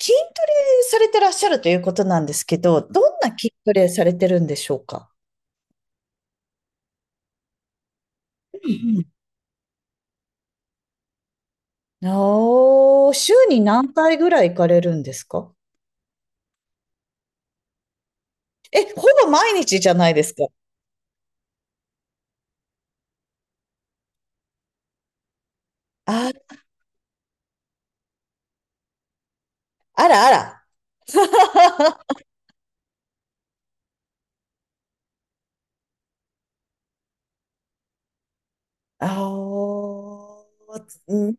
筋トレされてらっしゃるということなんですけど、どんな筋トレされてるんでしょうか？うんうん。おー、週に何回ぐらい行かれるんですか？え、ほぼ毎日じゃないですか。あ、あらあら。あー、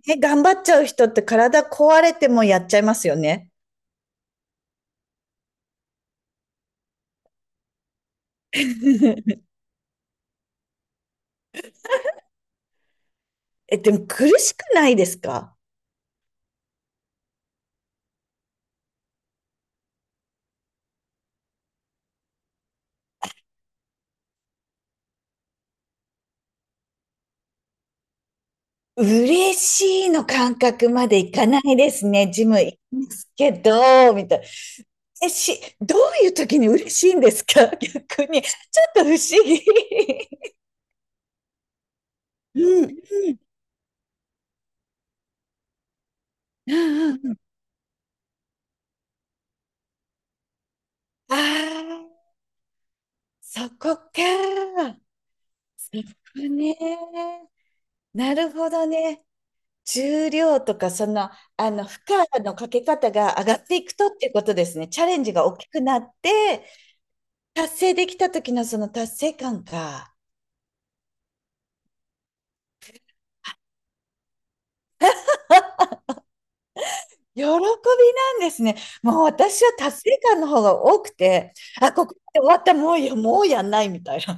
ね、頑張っちゃう人って体壊れてもやっちゃいますよね。え、でも苦しくないですか？嬉しいの感覚までいかないですね。ジム行きますけど、みたい。え、どういう時に嬉しいんですか？ 逆に。ちょっと不思議。うんうん。うんうん。ああ、そこか。そこね。なるほどね。重量とか、その、あの、負荷のかけ方が上がっていくとっていうことですね。チャレンジが大きくなって、達成できた時のその達成感か。喜びなんですね。もう私は達成感の方が多くて、あ、ここまで終わった、もうやんないみたいな。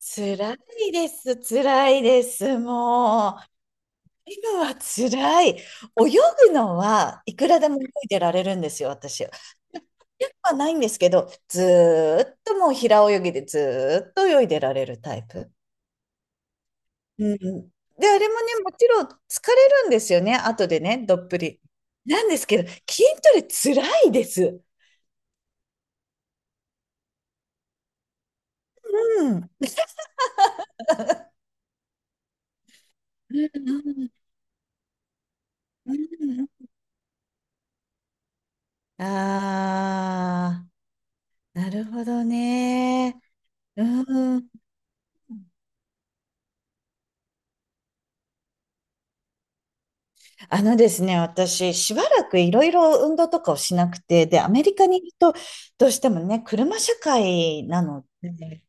辛いです、辛いです、もう。今は辛い。泳ぐのはいくらでも泳いでられるんですよ、私。やはないんですけど、ずーっともう平泳ぎでずーっと泳いでられるタイプ。うん。で、あれもね、もちろん疲れるんですよね、後でね、どっぷり。なんですけど、筋トレ辛いです。うん。うんうんうん。ああ、なるほどね。うん。あのですね、私、しばらくいろいろ運動とかをしなくて、で、アメリカにいると、どうしてもね、車社会なので、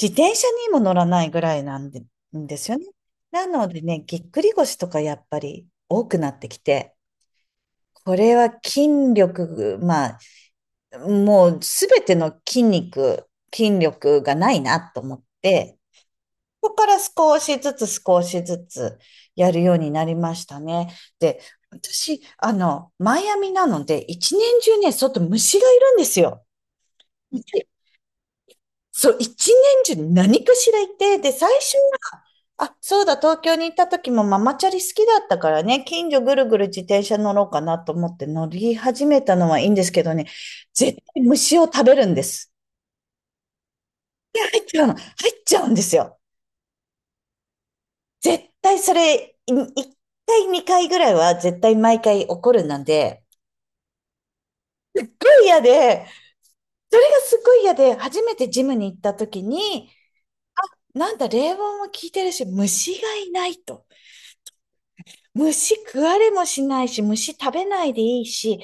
自転車にも乗らないぐらいなんで、んですよね。なのでね、ぎっくり腰とかやっぱり多くなってきて、これは筋力、まあ、もうすべての筋肉、筋力がないなと思って、そこから少しずつ少しずつやるようになりましたね。で、私、あの、マイアミなので、一年中ね、外虫がいるんですよ。で、そう、一年中何かしらいて、で、最初は、あ、そうだ、東京に行った時もママチャリ好きだったからね、近所ぐるぐる自転車乗ろうかなと思って乗り始めたのはいいんですけどね、絶対虫を食べるんです。違うの。入っちゃうんですよ。絶対それ、一回、二回ぐらいは絶対毎回起こるなんで、すごい嫌で、それがすごい嫌で、初めてジムに行った時に、なんだ、冷房も効いてるし、虫がいないと。虫食われもしないし、虫食べないでいいし、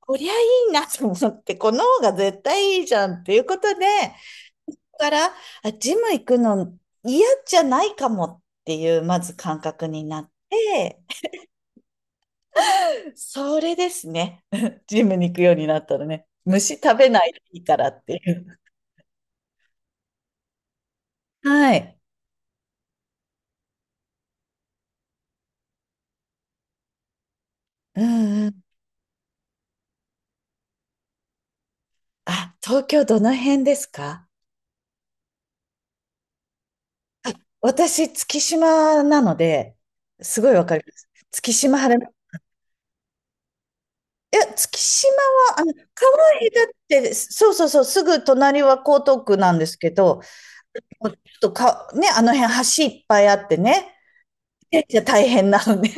こりゃいいなと思って、この方が絶対いいじゃんっていうことで、だから、あジム行くの嫌じゃないかもっていう、まず感覚になって、それですね。ジムに行くようになったらね。虫食べないでいいからっていう。はい。うんうん。あ、東京どの辺ですか？私、月島なので、すごいわかります。月島晴れ、いや、月島は、あの、川へだって、そうそうそう、すぐ隣は江東区なんですけど、もうちょっとか、ね、あの辺橋いっぱいあってね、いや大変なのね。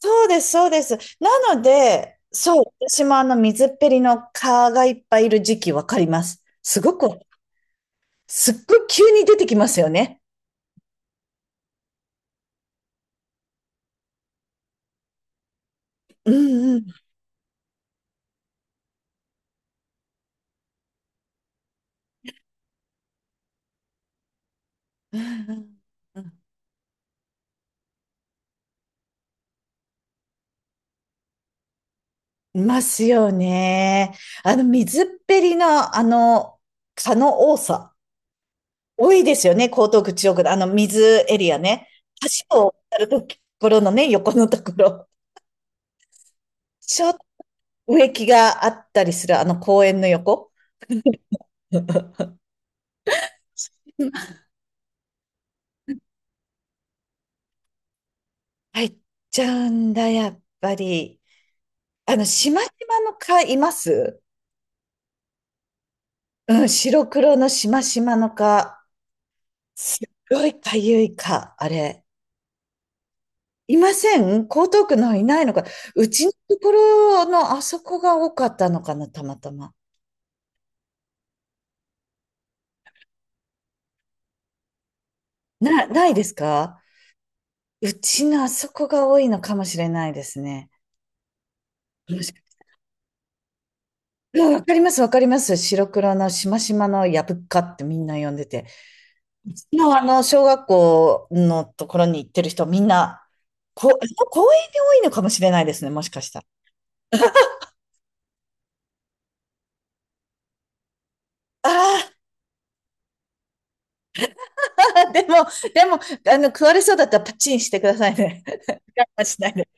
そうです、そうです。なので、そう、私もあの水っぺりの蚊がいっぱいいる時期わかります。すごく、すっごい急に出てきますよね。うんうん。うんうんうん。いますよね。あの水っぺりのあの蚊の多さ、多いですよね、江東区、中央区のあの水エリアね。橋を渡るところのね、横のところ。ちょっと植木があったりするあの公園の横。入っちゃうんだ、やっぱり。あの、しましまの蚊います？うん、白黒のしましまの蚊。すっごいかゆい蚊、あれ。いません？江東区の方いないのか。うちのところのあそこが多かったのかな、たまたま。ないですか？うちのあそこが多いのかもしれないですね。もしうん、わかります、わかります。白黒のしましまのやぶっかってみんな呼んでて。うちのあの、小学校のところに行ってる人、みんな、公園に多いのかもしれないですね、もしかしたら。ああ、でも、でも、あの、食われそうだったらパチンしてくださいね。我慢しないで。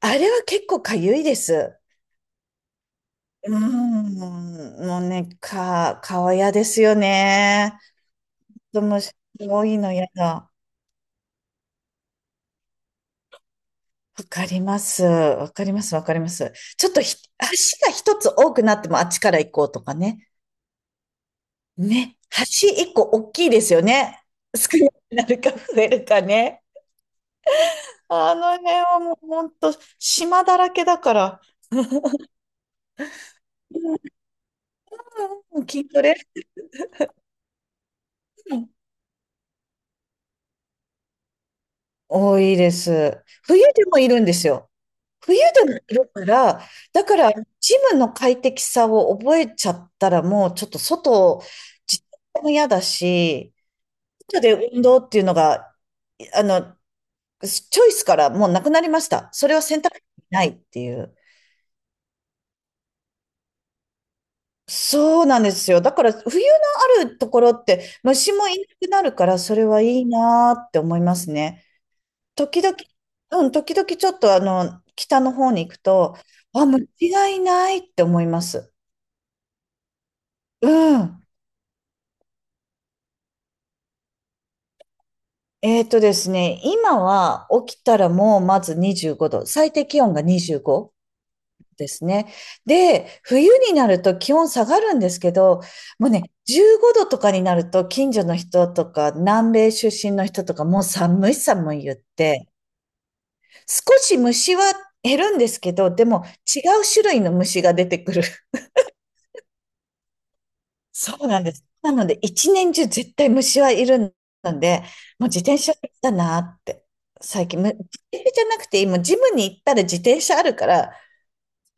あれは結構かゆいです。うーん、もうね、顔嫌ですよね。子供多いの嫌だ。わかります。わかります。わかります。ちょっと足が一つ多くなってもあっちから行こうとかね。ね、橋一個大きいですよね。少なくなるか増えるかね。あの辺はもう本当島だらけだから。うん、筋トレ。うん。多いです。冬でもいるんですよ。冬でもいるから、だからジムの快適さを覚えちゃったらもうちょっと外、自宅も嫌だし、外で運動っていうのが、あの、チョイスからもうなくなりました。それは選択肢にないっていう。そうなんですよ。だから冬のあるところって虫もいなくなるからそれはいいなーって思いますね。時々、うん、時々ちょっとあの北の方に行くと、あ、虫がいないって思います。うん。ですね、今は起きたらもうまず25度、最低気温が25。ですね。で、冬になると気温下がるんですけど、もうね、15度とかになると近所の人とか南米出身の人とかもう寒い寒い言って、少し虫は減るんですけど、でも違う種類の虫が出てくる。そうなんです。なので一年中絶対虫はいるので、もう自転車だなって。最近、自転車じゃなくて、今ジムに行ったら自転車あるから、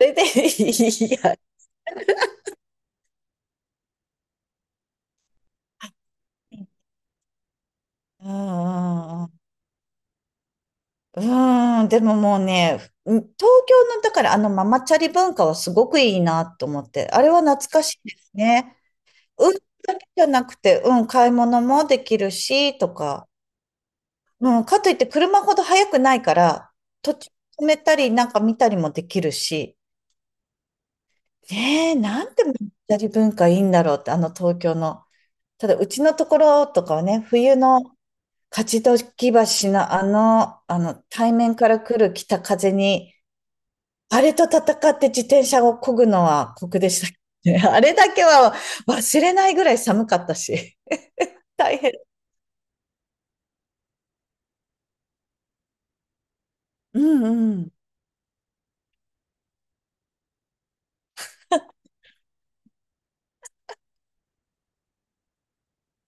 それでいいや。うんうんうん。うーん、でももうね、東京の、だからあのママチャリ文化はすごくいいなと思って、あれは懐かしいですね。うん、だけじゃなくて、うん、買い物もできるし、とか、うん、かといって車ほど速くないから、途中止めたり、なんか見たりもできるし、ねえ、なんてママチャリ文化いいんだろうって、あの東京の。ただ、うちのところとかはね、冬の勝どき橋のあの、あの、対面から来る北風に、あれと戦って自転車を漕ぐのは酷でしたね。あれだけは忘れないぐらい寒かったし、大変。うんうん。